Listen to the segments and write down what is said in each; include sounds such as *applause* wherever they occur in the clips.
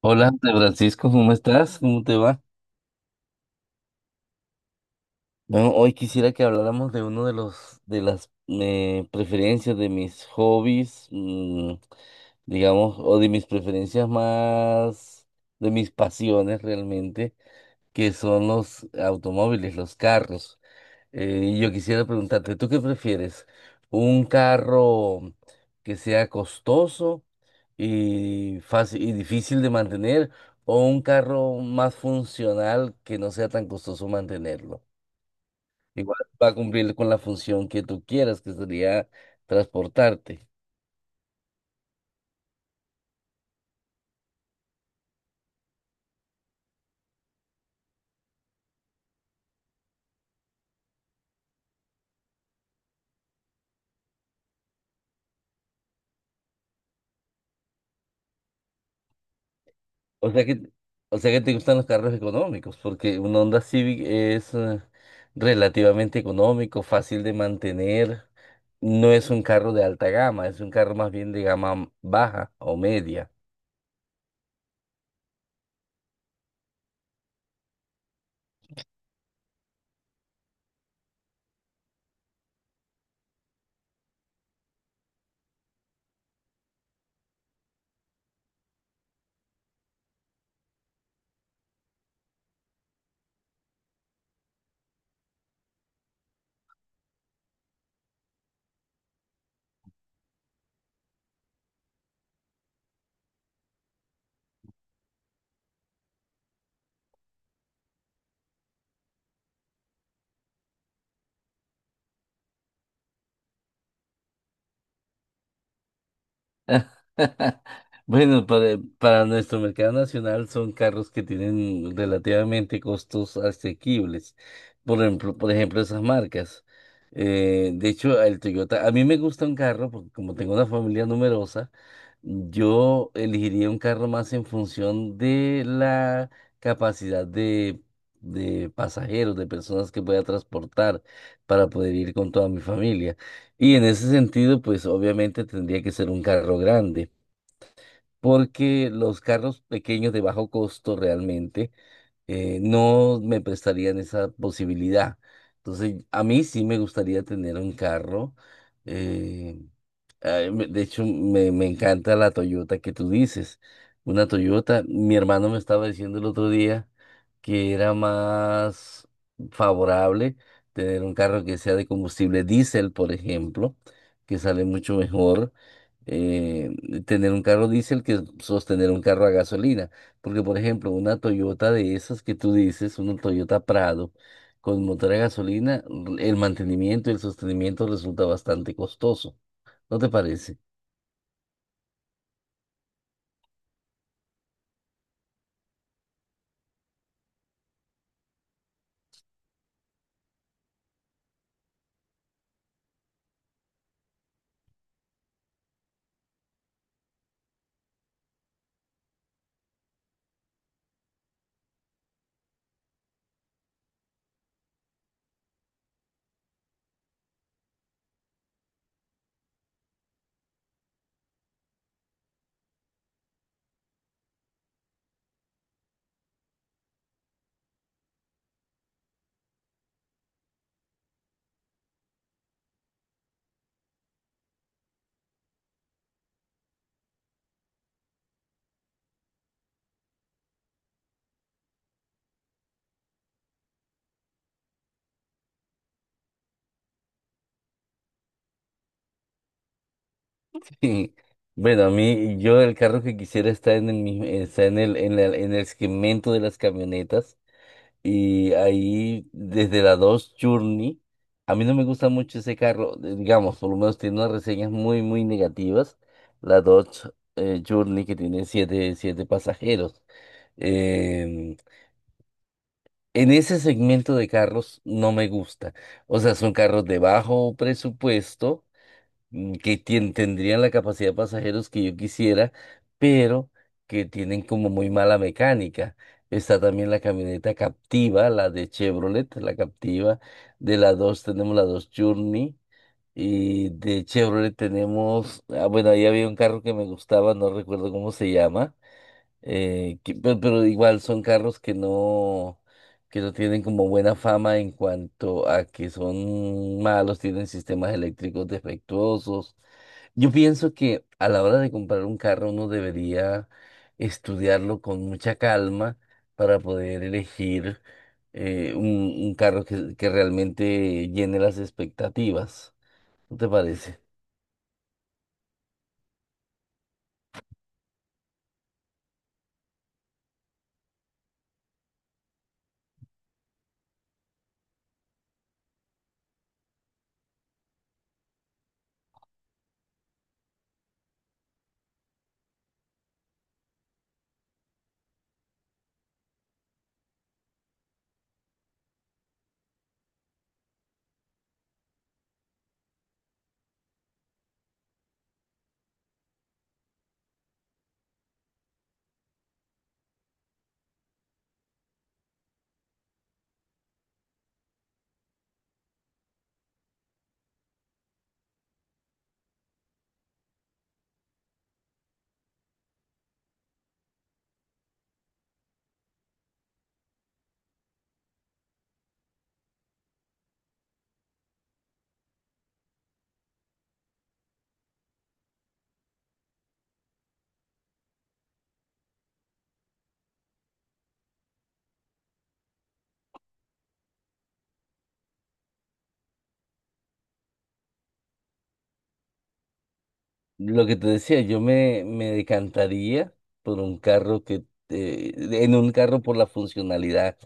Hola, André Francisco, ¿cómo estás? ¿Cómo te va? Bueno, hoy quisiera que habláramos de uno de las preferencias de mis hobbies, digamos, o de mis preferencias más, de mis pasiones realmente, que son los automóviles, los carros. Y yo quisiera preguntarte, ¿tú qué prefieres? ¿Un carro que sea costoso y fácil y difícil de mantener o un carro más funcional que no sea tan costoso mantenerlo? Igual va a cumplir con la función que tú quieras, que sería transportarte. O sea que, o sea que te gustan los carros económicos, porque un Honda Civic es relativamente económico, fácil de mantener. No es un carro de alta gama, es un carro más bien de gama baja o media. *laughs* Bueno, para nuestro mercado nacional son carros que tienen relativamente costos asequibles. Por ejemplo, esas marcas. De hecho, el Toyota, a mí me gusta un carro porque como tengo una familia numerosa, yo elegiría un carro más en función de la capacidad de pasajeros, de personas que pueda transportar para poder ir con toda mi familia. Y en ese sentido, pues obviamente tendría que ser un carro grande porque los carros pequeños de bajo costo realmente no me prestarían esa posibilidad. Entonces, a mí sí me gustaría tener un carro. eh, de hecho, me encanta la Toyota que tú dices. Una Toyota, mi hermano me estaba diciendo el otro día que era más favorable tener un carro que sea de combustible diésel, por ejemplo, que sale mucho mejor. eh, Tener un carro diésel que sostener un carro a gasolina. Porque, por ejemplo, una Toyota de esas que tú dices, una Toyota Prado con motor a gasolina, el mantenimiento y el sostenimiento resulta bastante costoso. ¿No te parece? *laughs* Sí. Bueno, a mí, yo el carro que quisiera está en el mismo, está en el segmento de las camionetas. Y ahí, desde la Dodge Journey, a mí no me gusta mucho ese carro, digamos, por lo menos tiene unas reseñas muy, muy negativas. La Dodge Journey que tiene siete pasajeros. Em, en ese segmento de carros no me gusta. O sea, son carros de bajo presupuesto que tendrían la capacidad de pasajeros que yo quisiera, pero que tienen como muy mala mecánica. Está también la camioneta Captiva, la de Chevrolet, la Captiva. De la 2 tenemos la 2 Journey. Y de Chevrolet tenemos, ah, bueno, ahí había un carro que me gustaba, no recuerdo cómo se llama pero, igual son carros que no, tienen como buena fama en cuanto a que son malos, tienen sistemas eléctricos defectuosos. Yo pienso que a la hora de comprar un carro uno debería estudiarlo con mucha calma para poder elegir un, carro que, realmente llene las expectativas. ¿No te parece? Lo que te decía, yo me, decantaría por un carro en un carro por la funcionalidad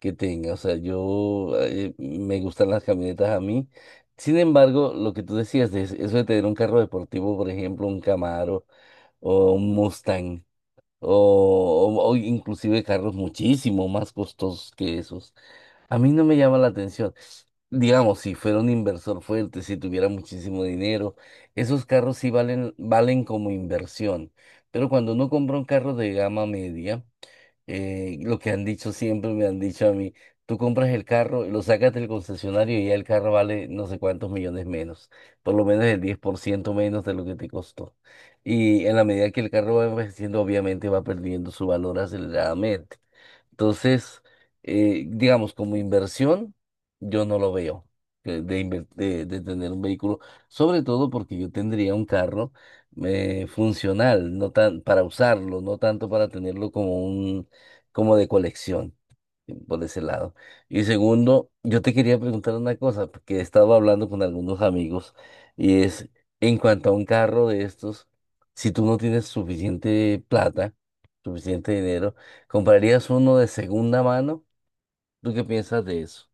que tenga. O sea, yo me gustan las camionetas a mí. Sin embargo, lo que tú decías, de eso de tener un carro deportivo, por ejemplo, un Camaro o un Mustang, o, inclusive carros muchísimo más costosos que esos. A mí no me llama la atención. Digamos, si fuera un inversor fuerte, si tuviera muchísimo dinero, esos carros sí valen, como inversión. Pero cuando uno compra un carro de gama media, lo que han dicho siempre, me han dicho a mí, tú compras el carro, lo sacas del concesionario y ya el carro vale no sé cuántos millones menos, por lo menos el 10% menos de lo que te costó. Y en la medida que el carro va envejeciendo, obviamente va perdiendo su valor aceleradamente. Entonces, digamos, como inversión, yo no lo veo de tener un vehículo, sobre todo porque yo tendría un carro funcional, no tan para usarlo, no tanto para tenerlo como de colección por ese lado. Y segundo, yo te quería preguntar una cosa, porque he estado hablando con algunos amigos, y es en cuanto a un carro de estos, si tú no tienes suficiente plata, suficiente dinero, ¿comprarías uno de segunda mano? ¿Tú qué piensas de eso?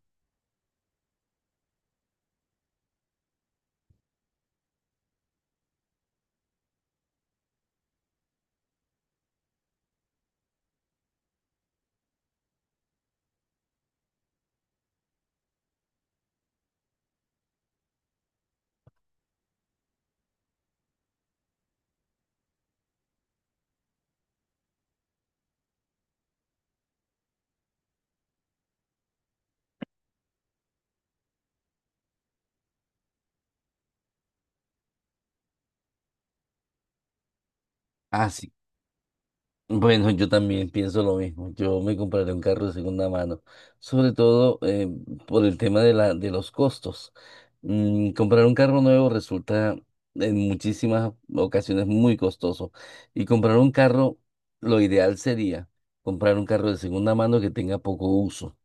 Ah, sí. Bueno, yo también pienso lo mismo. Yo me compraré un carro de segunda mano, sobre todo por el tema de los costos. Comprar un carro nuevo resulta en muchísimas ocasiones muy costoso. Y comprar un carro, lo ideal sería comprar un carro de segunda mano que tenga poco uso,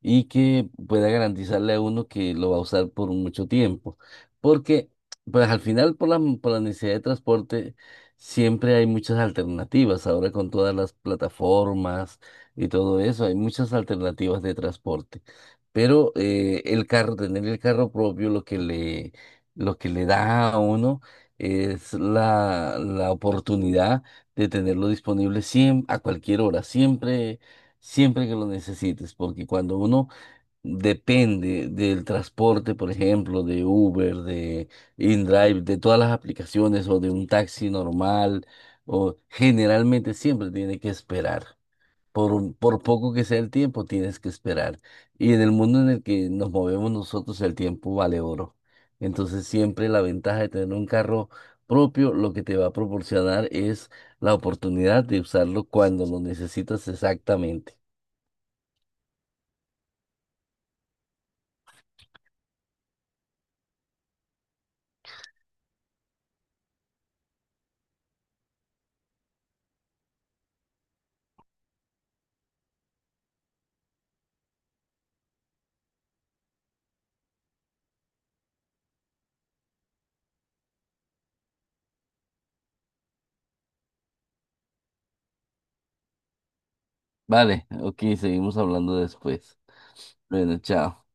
y que pueda garantizarle a uno que lo va a usar por mucho tiempo. Porque, pues al final, por la necesidad de transporte, siempre hay muchas alternativas. Ahora con todas las plataformas y todo eso, hay muchas alternativas de transporte. Pero el carro, tener el carro propio, lo que le da a uno es la oportunidad de tenerlo disponible siempre, a cualquier hora, siempre que lo necesites, porque cuando uno depende del transporte, por ejemplo, de Uber, de InDrive, de todas las aplicaciones o de un taxi normal, o generalmente siempre tiene que esperar. Por poco que sea el tiempo, tienes que esperar. Y en el mundo en el que nos movemos nosotros, el tiempo vale oro. Entonces, siempre la ventaja de tener un carro propio, lo que te va a proporcionar es la oportunidad de usarlo cuando lo necesitas exactamente. Vale, ok, seguimos hablando después. Bueno, chao.